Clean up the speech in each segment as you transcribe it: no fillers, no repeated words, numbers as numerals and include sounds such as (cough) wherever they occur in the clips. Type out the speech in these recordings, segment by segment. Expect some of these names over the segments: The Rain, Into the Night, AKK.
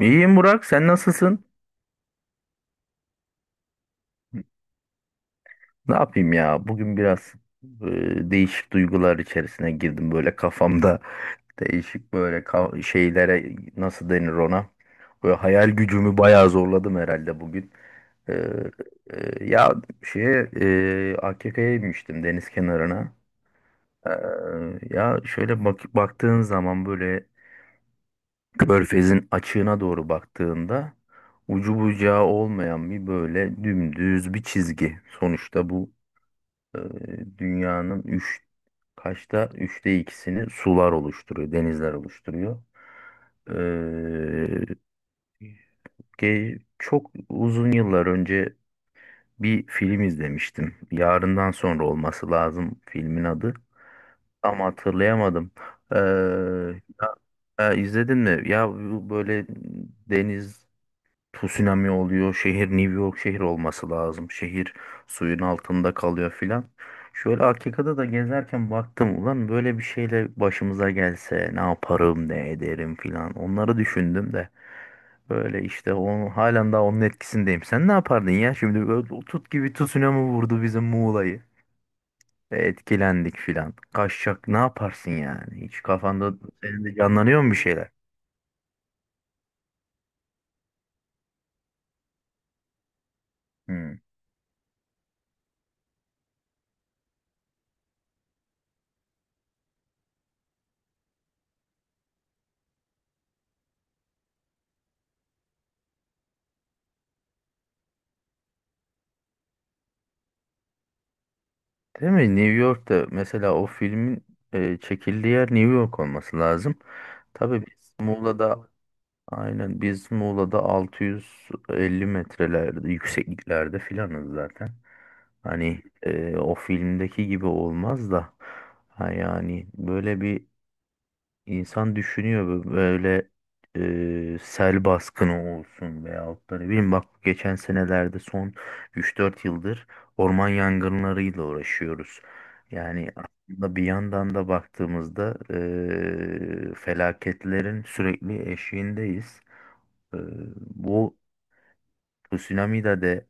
İyiyim Burak, sen nasılsın? Ne yapayım ya? Bugün biraz değişik duygular içerisine girdim böyle kafamda. (laughs) Değişik böyle şeylere nasıl denir ona? Böyle hayal gücümü bayağı zorladım herhalde bugün. Ee, Ya şeye AKK'ya inmiştim deniz kenarına. Ee, Ya şöyle baktığın zaman böyle Körfezin açığına doğru baktığında ucu bucağı olmayan bir böyle dümdüz bir çizgi. Sonuçta bu e, dünyanın kaçta üçte ikisini sular oluşturuyor, denizler oluşturuyor. E, Çok uzun yıllar önce bir film izlemiştim. Yarından sonra olması lazım filmin adı. Ama hatırlayamadım. E, izledin mi? Ya bu böyle deniz tsunami oluyor. New York şehir olması lazım. Şehir suyun altında kalıyor filan. Şöyle Akika'da da gezerken baktım ulan böyle bir şeyle başımıza gelse ne yaparım ne ederim filan. Onları düşündüm de böyle işte onu halen daha onun etkisindeyim. Sen ne yapardın ya şimdi böyle tut gibi tsunami vurdu bizim Muğla'yı. Etkilendik filan. Kaçacak ne yaparsın yani? Hiç kafanda senin de canlanıyor mu bir şeyler? Hmm. Değil mi? New York'ta mesela o filmin çekildiği yer New York olması lazım. Tabii biz Muğla'da 650 metrelerde yüksekliklerde filanız zaten. Hani o filmdeki gibi olmaz da ha yani böyle bir İnsan düşünüyor böyle sel baskını olsun veyahut da ne bileyim bak geçen senelerde son üç dört yıldır orman yangınlarıyla uğraşıyoruz. Yani aslında bir yandan da baktığımızda felaketlerin sürekli eşiğindeyiz. E, Bu tsunami'de de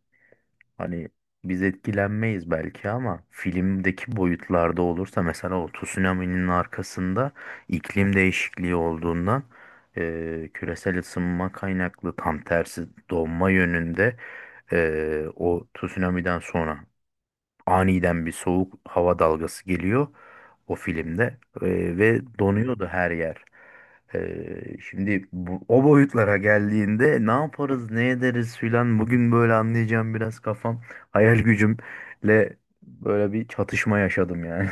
hani biz etkilenmeyiz belki ama filmdeki boyutlarda olursa mesela o tsunami'nin arkasında iklim değişikliği olduğundan küresel ısınma kaynaklı tam tersi donma yönünde o tsunami'den sonra aniden bir soğuk hava dalgası geliyor o filmde ve donuyordu her yer. Ee, Şimdi o boyutlara geldiğinde ne yaparız, ne ederiz filan bugün böyle anlayacağım biraz kafam, hayal gücümle böyle bir çatışma yaşadım yani.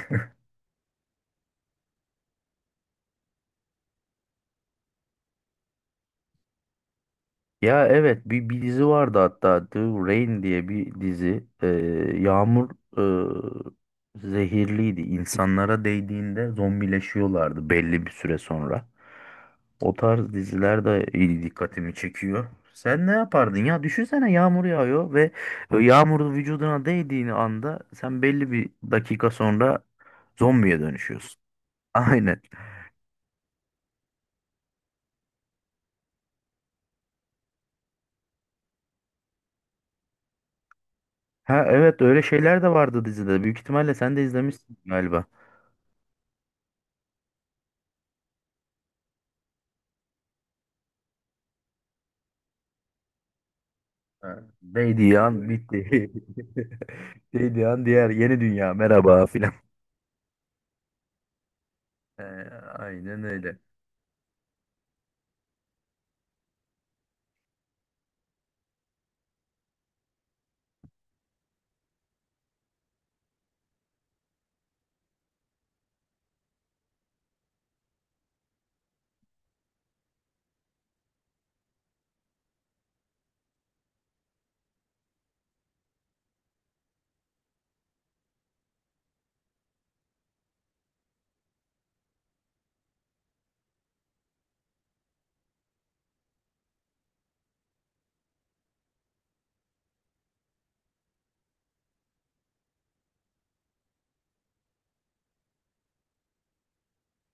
Ya evet bir dizi vardı hatta The Rain diye bir dizi. Yağmur zehirliydi. İnsanlara değdiğinde zombileşiyorlardı belli bir süre sonra. O tarz diziler de iyi dikkatimi çekiyor. Sen ne yapardın ya? Düşünsene yağmur yağıyor ve yağmurun vücuduna değdiğini anda sen belli bir dakika sonra zombiye dönüşüyorsun. (laughs) Aynen. Ha evet öyle şeyler de vardı dizide. Büyük ihtimalle sen de izlemişsin galiba. Ha, değdiği an bitti. (laughs) Değdiği an diğer yeni dünya merhaba filan. Ee, aynen öyle.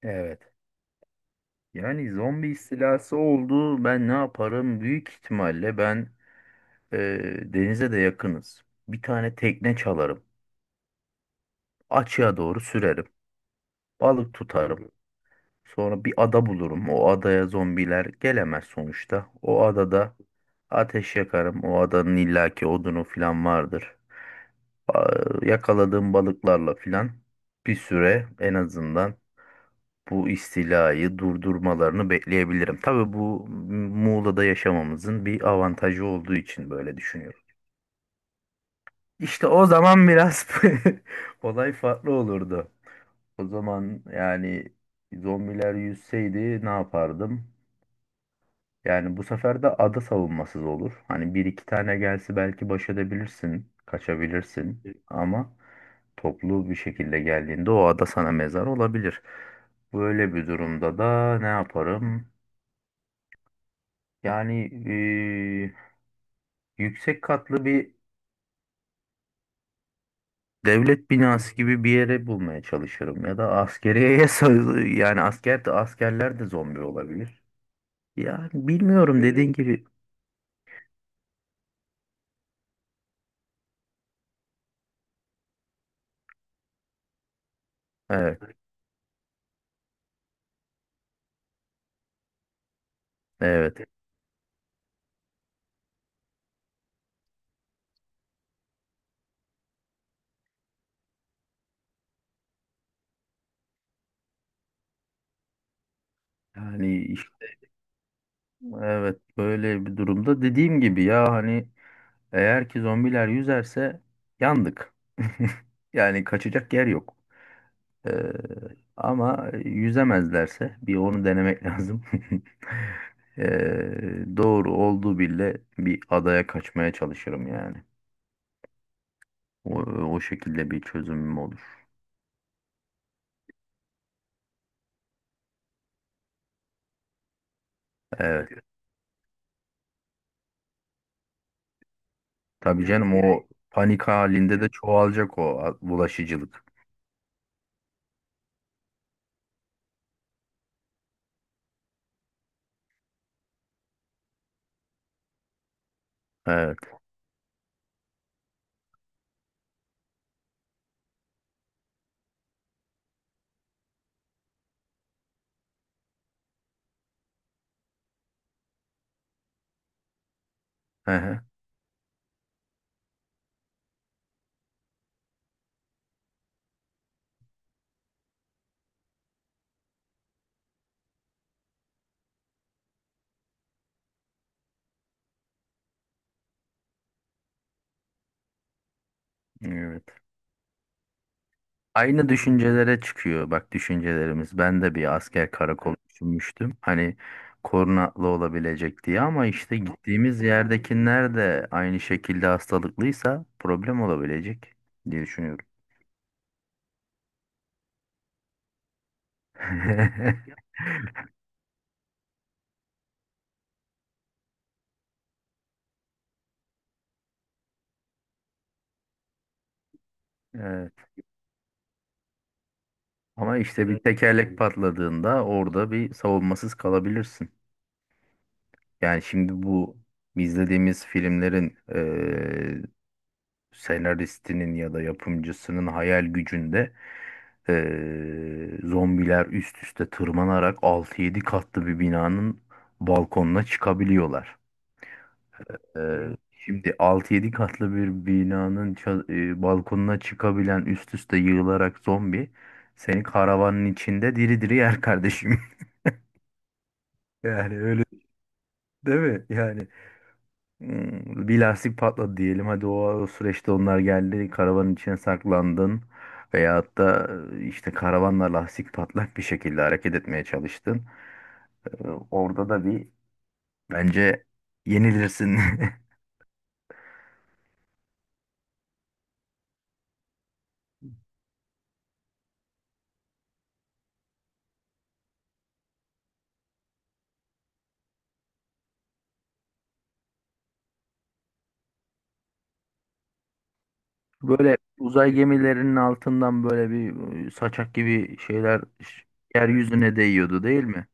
Evet. Yani zombi istilası oldu. Ben ne yaparım? Büyük ihtimalle ben e, denize de yakınız. Bir tane tekne çalarım. Açığa doğru sürerim. Balık tutarım. Sonra bir ada bulurum. O adaya zombiler gelemez sonuçta. O adada ateş yakarım. O adanın illaki odunu filan vardır. Yakaladığım balıklarla filan bir süre en azından bu istilayı durdurmalarını bekleyebilirim. Tabii bu Muğla'da yaşamamızın bir avantajı olduğu için böyle düşünüyorum. İşte o zaman biraz (laughs) olay farklı olurdu. O zaman yani zombiler yüzseydi ne yapardım? Yani bu sefer de ada savunmasız olur. Hani bir iki tane gelse belki baş edebilirsin, kaçabilirsin. Ama toplu bir şekilde geldiğinde o ada sana mezar olabilir. Böyle bir durumda da ne yaparım? Yani yüksek katlı bir devlet binası gibi bir yere bulmaya çalışırım. Ya da askeriyeye (laughs) yani asker de askerler de zombi olabilir. Yani bilmiyorum dediğin gibi. Evet, evet. Yani evet böyle bir durumda dediğim gibi ya hani eğer ki zombiler yüzerse yandık. (laughs) Yani kaçacak yer yok. Ee, Ama yüzemezlerse bir onu denemek lazım. (laughs) Doğru olduğu bile bir adaya kaçmaya çalışırım yani. O şekilde bir çözümüm olur. Evet. Tabii canım o panik halinde de çoğalacak o bulaşıcılık. Evet. Hı hı. Evet. Aynı düşüncelere çıkıyor bak düşüncelerimiz. Ben de bir asker karakolu düşünmüştüm. Hani korunaklı olabilecek diye ama işte gittiğimiz yerdekiler de aynı şekilde hastalıklıysa problem olabilecek diye düşünüyorum. (laughs) Evet. Ama işte bir tekerlek patladığında orada bir savunmasız kalabilirsin. Yani şimdi bu izlediğimiz filmlerin senaristinin ya da yapımcısının hayal gücünde zombiler üst üste tırmanarak altı yedi katlı bir binanın balkonuna çıkabiliyorlar. Evet. Şimdi altı yedi katlı bir binanın balkonuna çıkabilen üst üste yığılarak zombi seni karavanın içinde diri diri yer kardeşim. (laughs) Yani öyle değil mi? Yani bir lastik patladı diyelim. Hadi o süreçte onlar geldi karavanın içine saklandın. Veyahut da işte karavanla lastik patlak bir şekilde hareket etmeye çalıştın. Orada da bir bence yenilirsin. (laughs) Böyle uzay gemilerinin altından böyle bir saçak gibi şeyler yeryüzüne değiyordu değil mi?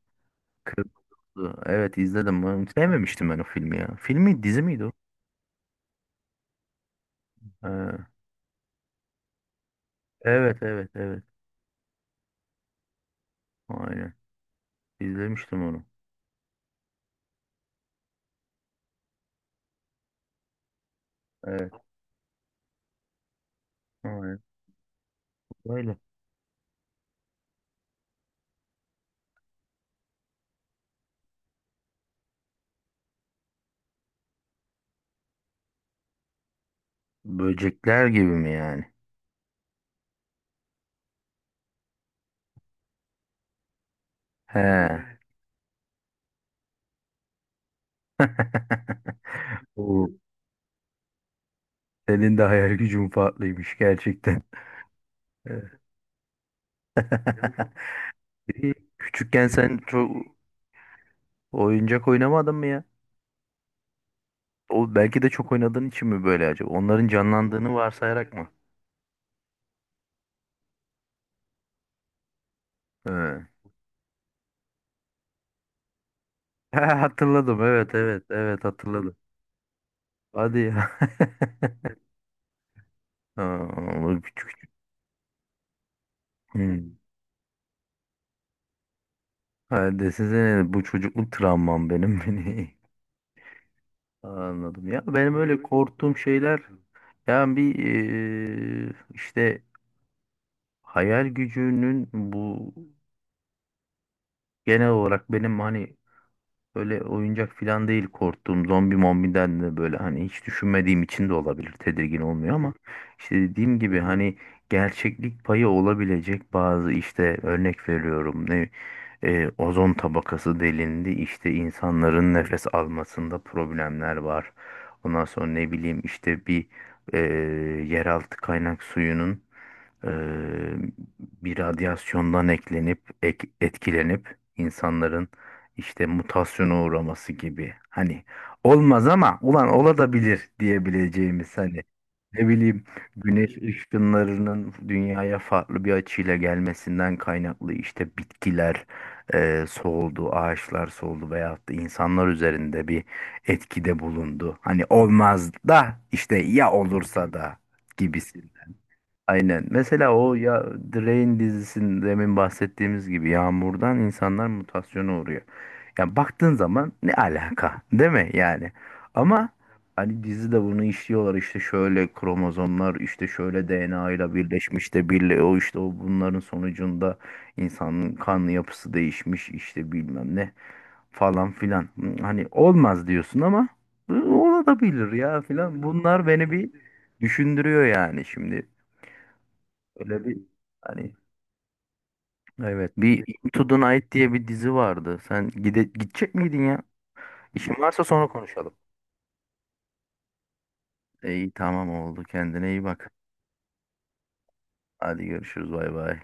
Kırmızı. Evet izledim. Ben sevmemiştim ben o filmi ya. Filmi dizi miydi o? Ha, evet evet evet. Aynen. İzlemiştim onu. Evet. Aynen. Böyle. Böcekler gibi mi yani? He. (laughs) Oo, senin de hayal gücün farklıymış gerçekten. (laughs) Evet. (laughs) İyi. Küçükken sen çok oyuncak oynamadın mı ya? O belki de çok oynadığın için mi böyle acaba? Onların canlandığını varsayarak mı? He. (laughs) Hatırladım. Evet, evet, evet hatırladım. Hadi ya. (laughs) Aa, bu küçük küçük. Hmm. Ha, desene bu çocukluk travmam benim (laughs) beni. Anladım. Ya benim öyle korktuğum şeyler yani bir işte hayal gücünün bu genel olarak benim hani böyle oyuncak falan değil korktuğum zombi mombiden de böyle hani hiç düşünmediğim için de olabilir tedirgin olmuyor ama işte dediğim gibi hani gerçeklik payı olabilecek bazı işte örnek veriyorum ne ozon tabakası delindi işte insanların nefes almasında problemler var. Ondan sonra ne bileyim işte bir e, yeraltı kaynak suyunun e, bir radyasyondan eklenip etkilenip insanların işte mutasyona uğraması gibi. Hani olmaz ama ulan olabilir diyebileceğimiz hani ne bileyim güneş ışınlarının dünyaya farklı bir açıyla gelmesinden kaynaklı işte bitkiler soğudu, ağaçlar soğudu veyahut da insanlar üzerinde bir etkide bulundu. Hani olmaz da işte ya olursa da gibisinden. Aynen. Mesela o ya Drain dizisinin demin bahsettiğimiz gibi yağmurdan insanlar mutasyona uğruyor. Yani baktığın zaman ne alaka, değil mi yani? Ama hani dizide bunu işliyorlar işte şöyle kromozomlar işte şöyle DNA ile birleşmiş de birle o işte o bunların sonucunda insanın kan yapısı değişmiş işte bilmem ne falan filan. Hani olmaz diyorsun ama "Hı, olabilir ya filan." Bunlar beni bir düşündürüyor yani şimdi. Öyle bir hani evet bir Into the Night diye bir dizi vardı. Sen gidecek miydin ya? İşin varsa sonra konuşalım. İyi tamam oldu. Kendine iyi bak. Hadi görüşürüz. Bay bay.